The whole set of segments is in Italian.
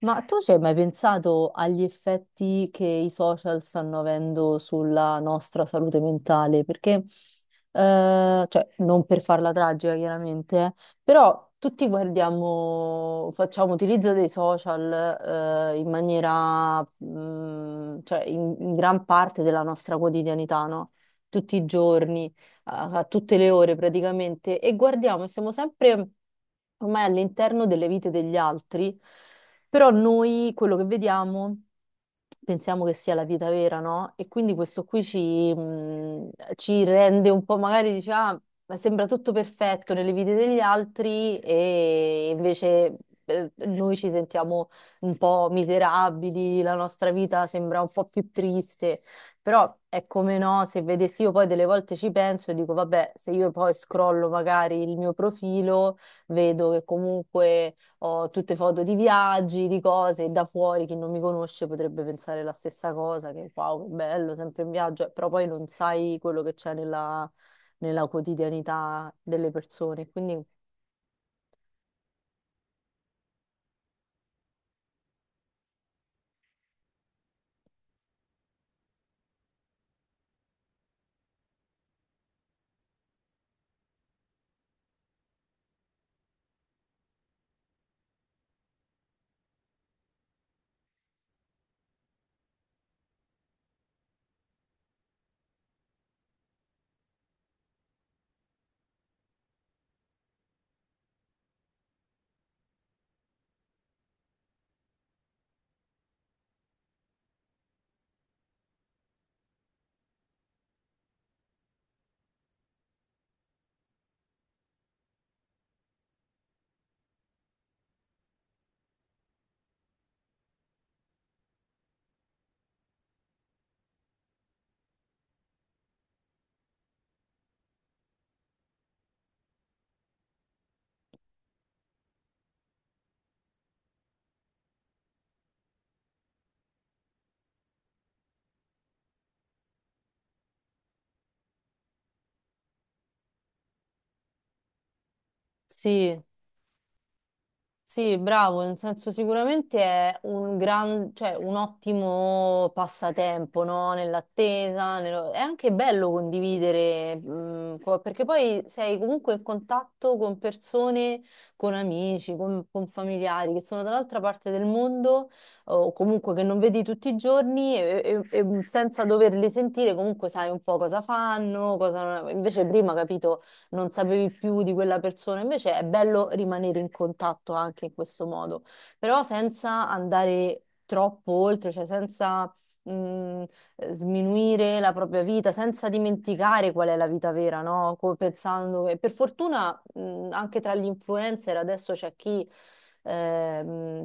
Ma tu ci hai mai pensato agli effetti che i social stanno avendo sulla nostra salute mentale? Perché, cioè, non per farla tragica, chiaramente, però tutti guardiamo, facciamo utilizzo dei social, in maniera, cioè, in gran parte della nostra quotidianità, no? Tutti i giorni, a tutte le ore praticamente, e guardiamo e siamo sempre ormai all'interno delle vite degli altri. Però noi quello che vediamo pensiamo che sia la vita vera, no? E quindi questo qui ci rende un po', magari dice, ah, ma sembra tutto perfetto nelle vite degli altri e invece noi ci sentiamo un po' miserabili, la nostra vita sembra un po' più triste. Però è come no, se vedessi io poi delle volte ci penso e dico, vabbè, se io poi scrollo magari il mio profilo, vedo che comunque ho tutte foto di viaggi, di cose, e da fuori chi non mi conosce potrebbe pensare la stessa cosa, che wow, che bello, sempre in viaggio, però poi non sai quello che c'è nella, nella quotidianità delle persone. Quindi sì, sì, bravo, nel senso sicuramente è un gran, cioè un ottimo passatempo, no? Nell'attesa, è anche bello condividere, perché poi sei comunque in contatto con persone, con amici, con familiari che sono dall'altra parte del mondo o comunque che non vedi tutti i giorni e senza doverli sentire comunque sai un po' cosa fanno, Invece prima, capito? Non sapevi più di quella persona. Invece è bello rimanere in contatto anche in questo modo, però senza andare troppo oltre, cioè senza mh, sminuire la propria vita, senza dimenticare qual è la vita vera, no? Pensando che per fortuna anche tra gli influencer adesso c'è chi ehm,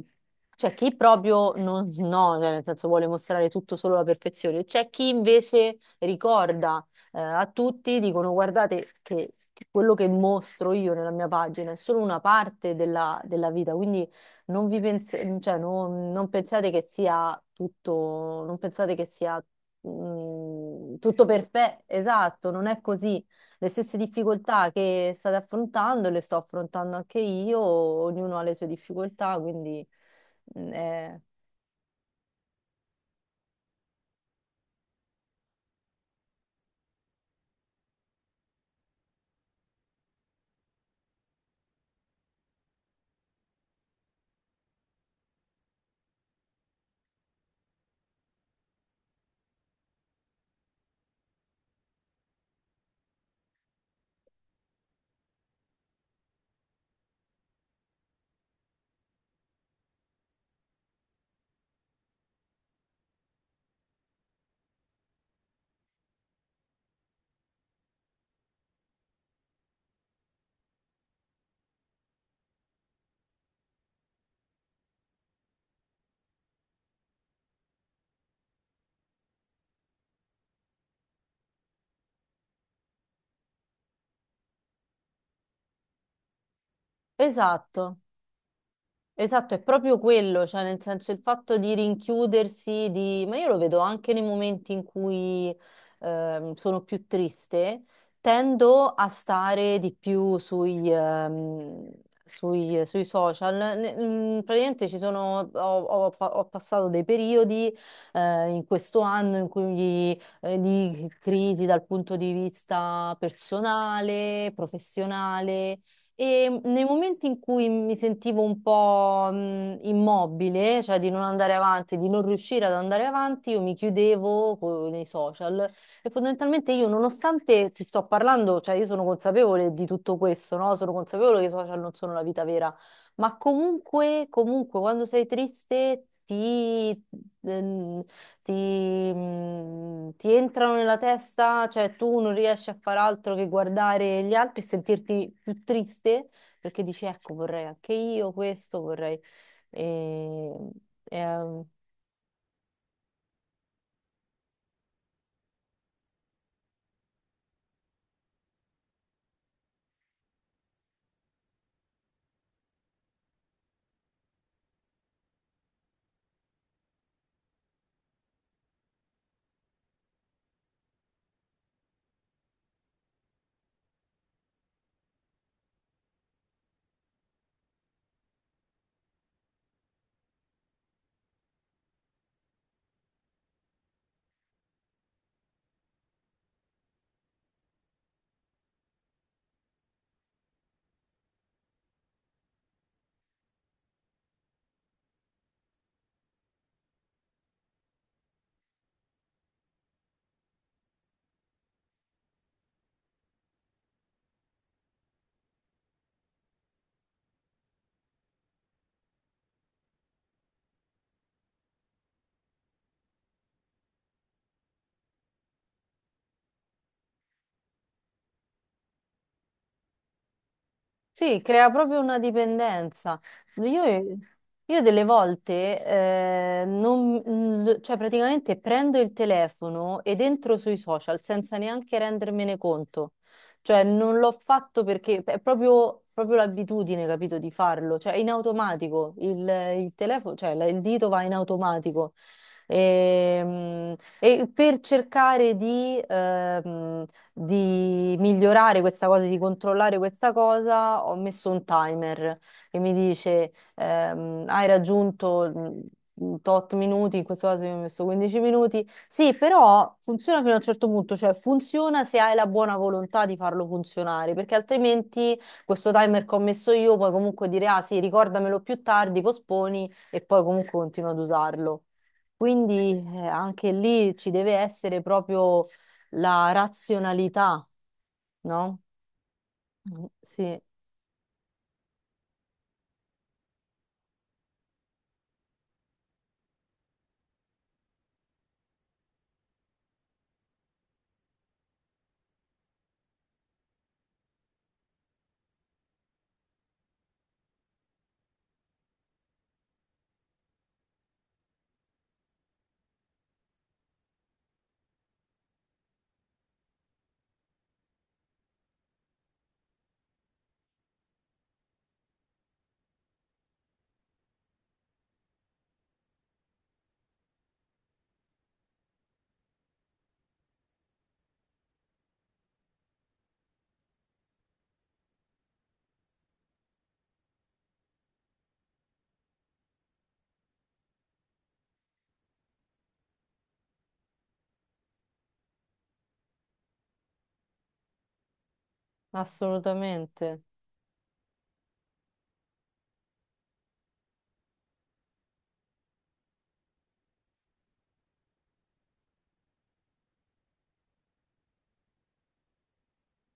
c'è chi proprio non, no, cioè nel senso vuole mostrare tutto solo la perfezione, c'è chi invece ricorda a tutti, dicono guardate che quello che mostro io nella mia pagina è solo una parte della, della vita, quindi non vi pens- cioè, non pensate che sia tutto, non pensate che sia tutto perfetto, esatto, non è così. Le stesse difficoltà che state affrontando le sto affrontando anche io, ognuno ha le sue difficoltà, mm, è- Esatto. Esatto, è proprio quello, cioè nel senso il fatto di rinchiudersi, di... ma io lo vedo anche nei momenti in cui sono più triste, tendo a stare di più sui social. Praticamente ci sono, ho passato dei periodi in questo anno in cui di crisi dal punto di vista personale, professionale. E nei momenti in cui mi sentivo un po' immobile, cioè di non andare avanti, di non riuscire ad andare avanti, io mi chiudevo nei social e fondamentalmente io, nonostante ti sto parlando, cioè io sono consapevole di tutto questo, no? Sono consapevole che i social non sono la vita vera, ma comunque, comunque quando sei triste ehm, ti, ti entrano nella testa, cioè tu non riesci a far altro che guardare gli altri e sentirti più triste perché dici, ecco, vorrei anche io questo, vorrei... ehm, E, è, Sì, crea proprio una dipendenza. Io, io delle volte, cioè praticamente prendo il telefono ed entro sui social senza neanche rendermene conto. Cioè non l'ho fatto perché è proprio, proprio l'abitudine, capito, di farlo. Cioè in automatico, il telefono, cioè il dito va in automatico. E, per cercare di migliorare questa cosa, di controllare questa cosa, ho messo un timer che mi dice hai raggiunto tot minuti, in questo caso io ho messo 15 minuti. Sì, però funziona fino a un certo punto, cioè funziona se hai la buona volontà di farlo funzionare, perché altrimenti questo timer che ho messo io puoi comunque dire ah sì, ricordamelo più tardi, posponi e poi comunque continua ad usarlo. Quindi anche lì ci deve essere proprio la razionalità, no? Mm, sì, assolutamente.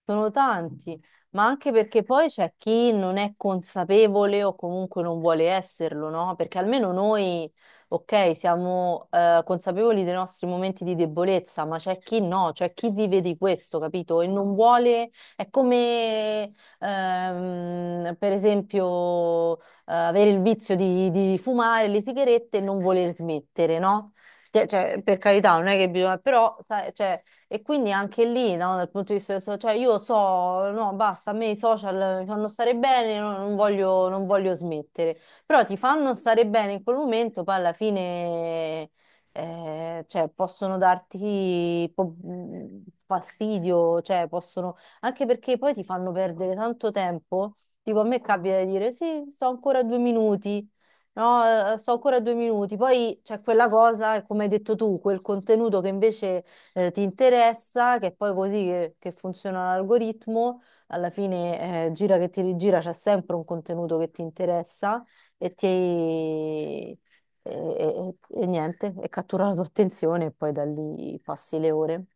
Sono tanti, ma anche perché poi c'è chi non è consapevole o comunque non vuole esserlo, no? Perché almeno noi, ok, siamo consapevoli dei nostri momenti di debolezza, ma c'è chi no, c'è chi vive di questo, capito? E non vuole, è come per esempio avere il vizio di fumare le sigarette e non voler smettere, no? Cioè, per carità, non è che bisogna, però sai, cioè, e quindi anche lì, no, dal punto di vista del cioè io so, no, basta, a me i social mi fanno stare bene, no, non voglio, non voglio smettere. Però ti fanno stare bene in quel momento, poi alla fine, cioè, possono darti fastidio, cioè, possono, anche perché poi ti fanno perdere tanto tempo. Tipo, a me capita di dire, sì, sto ancora 2 minuti. No, sto ancora 2 minuti. Poi c'è quella cosa, come hai detto tu, quel contenuto che invece ti interessa, che poi così che funziona l'algoritmo, alla fine gira che ti rigira, c'è sempre un contenuto che ti interessa e ti... e- e niente, e cattura la tua attenzione e poi da lì passi le ore.